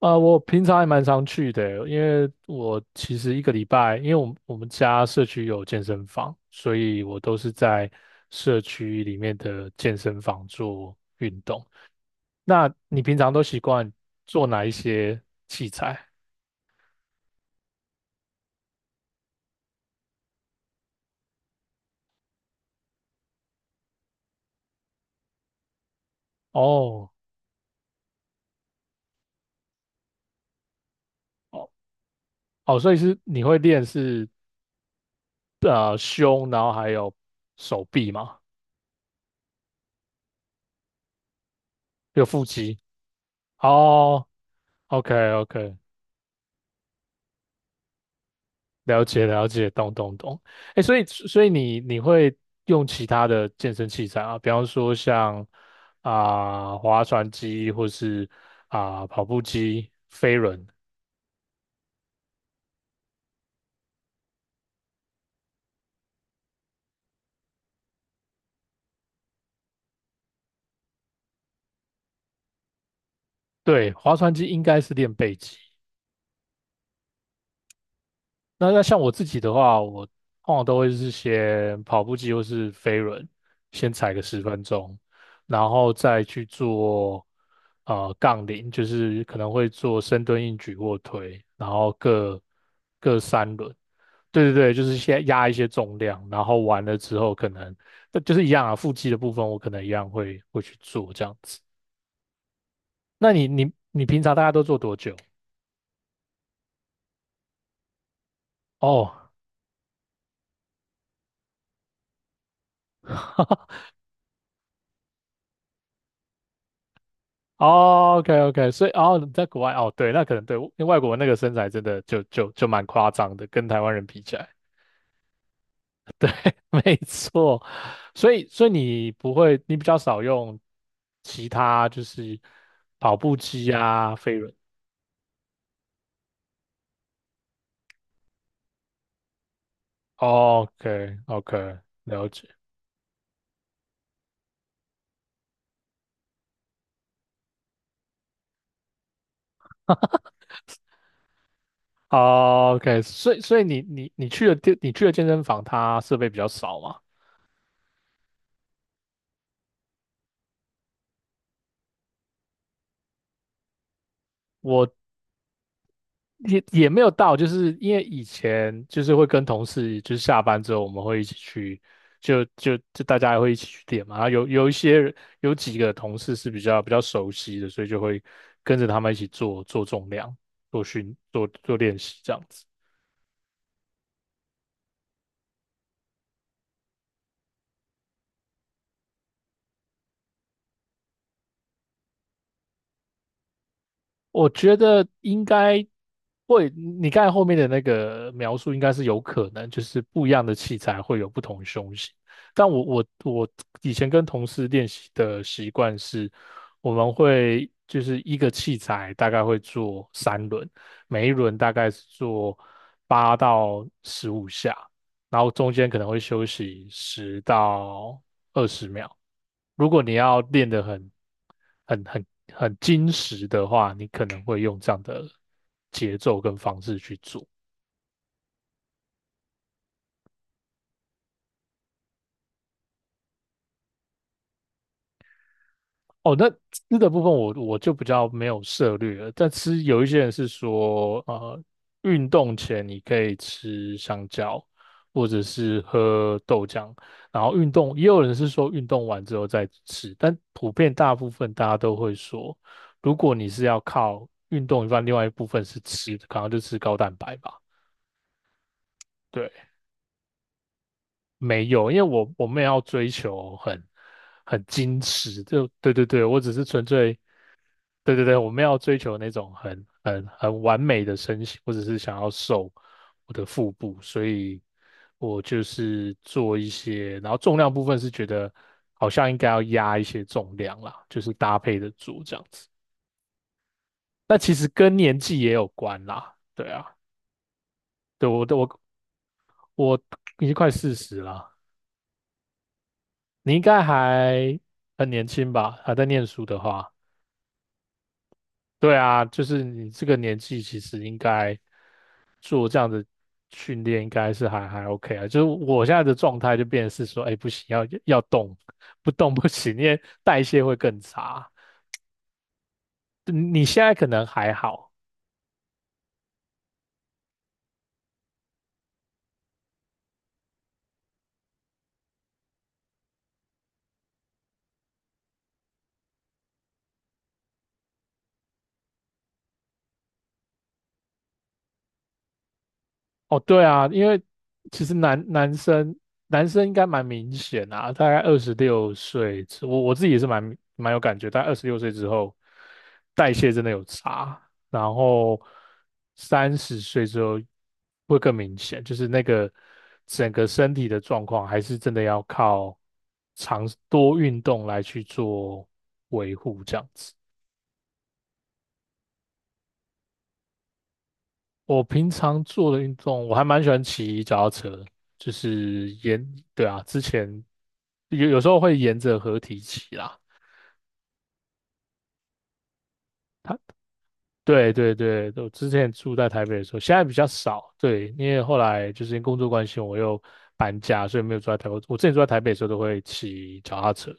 我平常还蛮常去的，因为我其实一个礼拜，因为我们家社区有健身房，所以我都是在社区里面的健身房做运动。那你平常都习惯做哪一些器材？哦哦哦，所以是你会练是胸，然后还有手臂嘛，有腹肌。哦，OK OK，了解了解，懂懂懂。哎，所以你会用其他的健身器材啊？比方说像划船机，或是跑步机、飞轮。对，划船机应该是练背肌。那像我自己的话，我往往都会是先跑步机或是飞轮，先踩个10分钟，然后再去做杠铃，就是可能会做深蹲、硬举、卧推，然后各三轮。对对对，就是先压一些重量，然后完了之后可能，但就是一样啊，腹肌的部分我可能一样会去做这样子。那你平常大概都做多久？哦，哦，OK OK，所以哦你在国外哦，对，那可能对，因为外国那个身材真的就蛮夸张的，跟台湾人比起来，没错。所以你不会，你比较少用其他就是跑步机啊、飞轮。OK OK，了解。哦，OK，所以你去的健身房，它设备比较少嘛？我也没有到，就是因为以前就是会跟同事，就是下班之后我们会一起去，就大家会一起去练嘛。然后有一些人有几个同事是比较熟悉的，所以就会跟着他们一起做做重量、做做练习这样子。我觉得应该会，你刚才后面的那个描述应该是有可能，就是不一样的器材会有不同胸型。但我以前跟同事练习的习惯是，我们会就是一个器材大概会做三轮，每一轮大概是做8到15下，然后中间可能会休息10到20秒，如果你要练得很、很、很、很精实的话，你可能会用这样的节奏跟方式去做。哦，那吃的部分我就比较没有涉略了，但吃有一些人是说，运动前你可以吃香蕉，或者是喝豆浆，然后运动也有人是说运动完之后再吃，但普遍大部分大家都会说，如果你是要靠运动一半，另外一部分是吃，可能就吃高蛋白吧。对，没有，因为我没有要追求很矜持，就对对对，我只是纯粹对对对，我没有要追求那种很完美的身形，我只是想要瘦我的腹部，所以我就是做一些，然后重量部分是觉得好像应该要压一些重量啦，就是搭配的做这样子。那其实跟年纪也有关啦，对啊，对，我的我我已经快40啦，你应该还很年轻吧？还在念书的话，对啊，就是你这个年纪，其实应该做这样的训练，应该是还 OK 啊。就是我现在的状态就变成是说，哎，不行，要动，不动不行，因为代谢会更差。你现在可能还好，哦，对啊，因为其实男生应该蛮明显啊，大概二十六岁之我自己也是蛮有感觉，大概二十六岁之后，代谢真的有差，然后30岁之后会更明显，就是那个整个身体的状况还是真的要靠长多运动来去做维护这样子。我平常做的运动，我还蛮喜欢骑脚踏车，就是沿，对啊，之前有时候会沿着河堤骑啦。它对对对，我之前住在台北的时候，现在比较少。对，因为后来就是因为工作关系，我又搬家，所以没有住在台北。我之前住在台北的时候，都会骑脚踏车。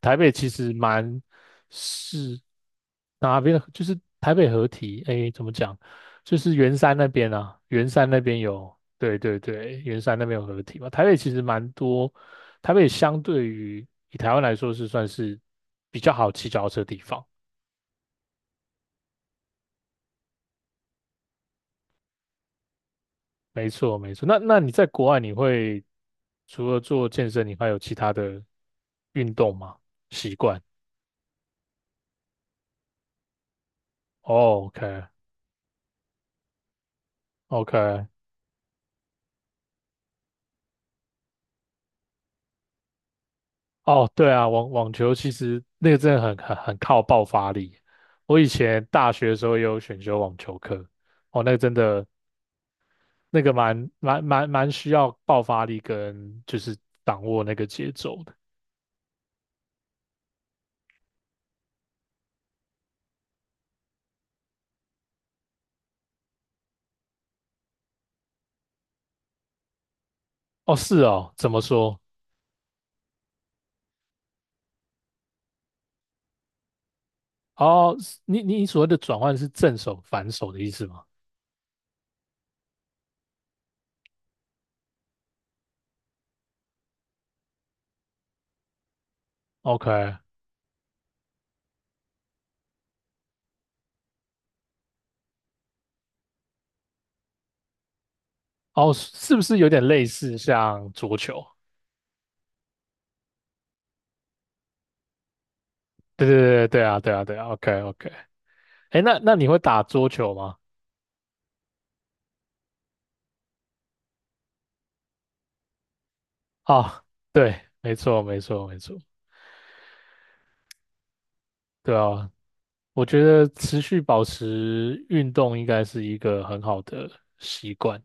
台北其实蛮是哪边的？就是台北合体，哎，怎么讲？就是圆山那边啊，圆山那边有，对对对，圆山那边有合体嘛。台北其实蛮多，台北相对于以台湾来说是算是比较好骑脚踏车的地方。没错，没错。那你在国外，你会除了做健身，你还有其他的运动吗？习惯？OK，OK 哦。哦，对啊，网球其实那个真的很靠爆发力。我以前大学的时候也有选修网球课，哦，那个真的那个蛮需要爆发力跟就是掌握那个节奏的。哦，是哦，怎么说？哦，你所谓的转换是正手反手的意思吗？OK，哦，是不是有点类似像桌球？对对对对啊，对啊对啊，OK OK。哎，那你会打桌球吗？啊，对，没错没错没错，对啊，我觉得持续保持运动应该是一个很好的习惯。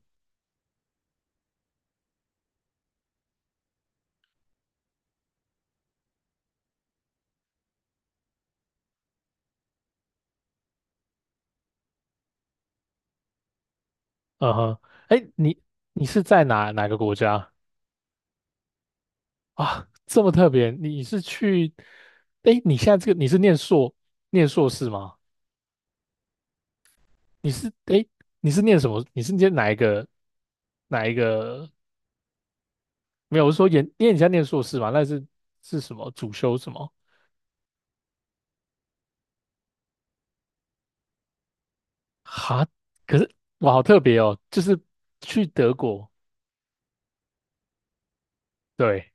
嗯哼，哎，你是在哪个国家啊？这么特别，你是去？哎，你现在这个你是念硕士吗？你是哎，诶你是念什么？你是念哪一个没有，我是说研，因为你现在念硕士嘛，那是是什么主修什么？哈，可是哇，好特别哦，就是去德国，对，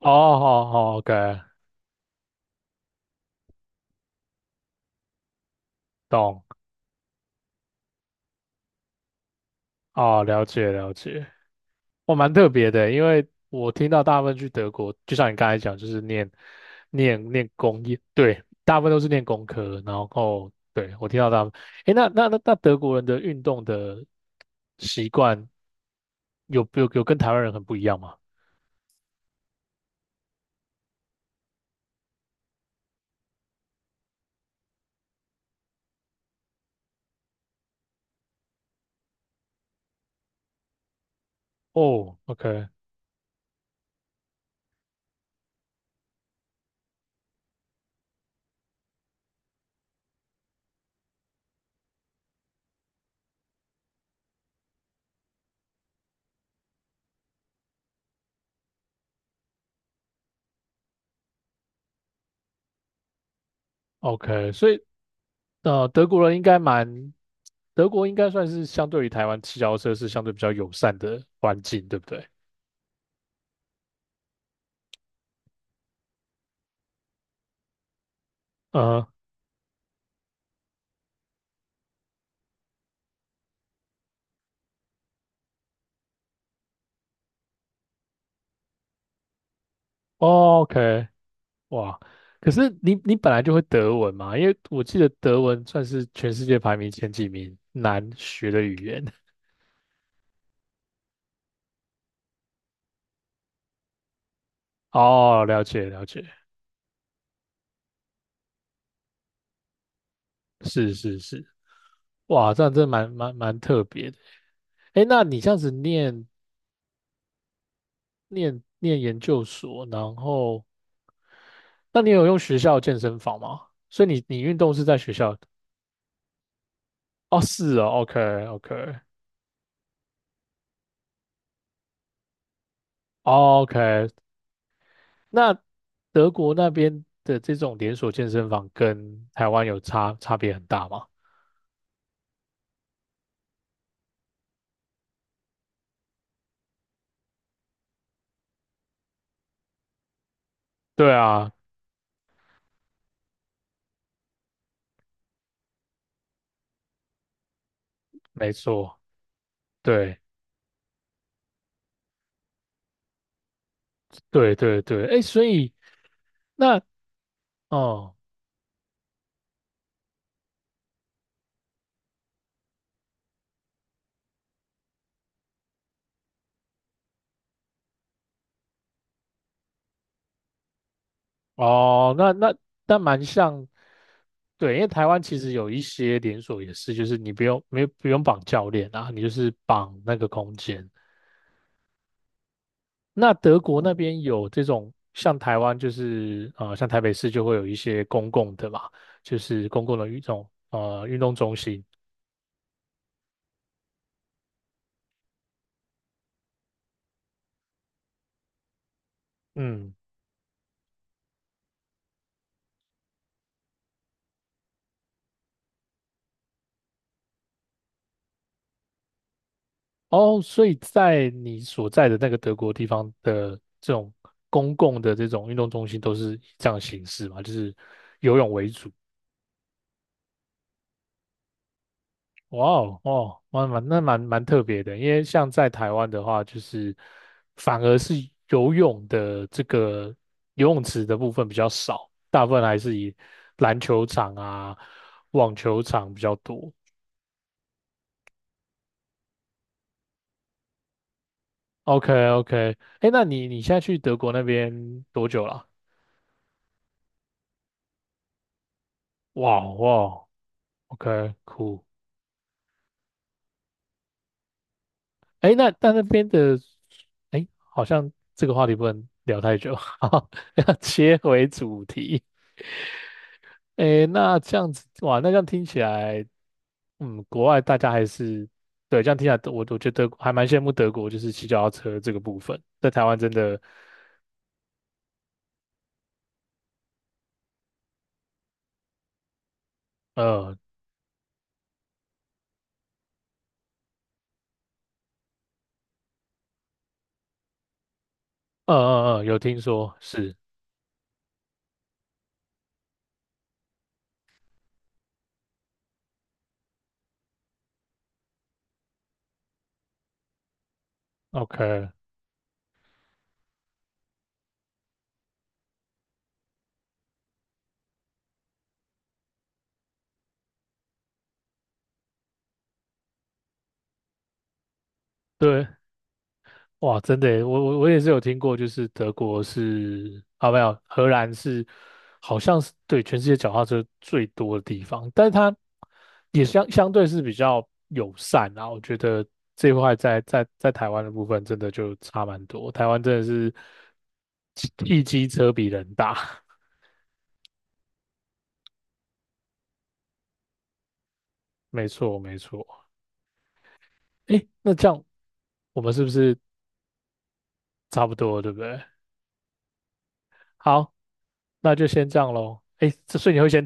哦，好好，OK，懂，哦，了解了解，我蛮特别的欸，因为我听到大部分去德国，就像你刚才讲，就是念工业，对，大部分都是念工科，然后对我听到他们，诶，那德国人的运动的习惯有跟台湾人很不一样吗？哦，OK。OK，所以呃，德国人应该蛮，德国应该算是相对于台湾骑脚踏车是相对比较友善的环境，对不对？嗯，OK，哇，可是你本来就会德文嘛？因为我记得德文算是全世界排名前几名难学的语言。哦，了解了解，是是是，哇，这样真的蛮特别的。哎，那你这样子念研究所，然后那你有用学校健身房吗？所以你运动是在学校哦，是哦，OK，OK，哦，OK。那德国那边的这种连锁健身房跟台湾有差别很大吗？对啊，没错，对，对对对，哎，所以那，哦，哦，那蛮像，对，因为台湾其实有一些连锁也是，就是你不用没有不用绑教练啊，你就是绑那个空间，那德国那边有这种像台湾就是像台北市就会有一些公共的嘛，就是公共的运动中心。嗯，哦，所以在你所在的那个德国地方的这种公共的这种运动中心都是以这样的形式嘛，就是游泳为主。哇哦，哦，蛮蛮那蛮蛮特别的，因为像在台湾的话，就是反而是游泳的这个游泳池的部分比较少，大部分还是以篮球场啊、网球场比较多。OK OK，哎，那你现在去德国那边多久了？哇哦哇 o k cool，哎，诶那但那边的，哎，好像这个话题不能聊太久，哈哈，要切回主题。诶，那这样子，哇，那这样听起来，嗯，国外大家还是，对，这样听起来，我觉得还蛮羡慕德国，就是骑脚踏车这个部分，在台湾真的，呃，有听说是，OK，对，哇，真的耶，我也是有听过，就是德国是啊，没有，荷兰是好像是对全世界脚踏车最多的地方，但是它也相对是比较友善啊。我觉得这一块在台湾的部分真的就差蛮多，台湾真的是一机车比人大，没错没错。诶，那这样我们是不是差不多了对不对？好，那就先这样喽。诶，这所以你会先。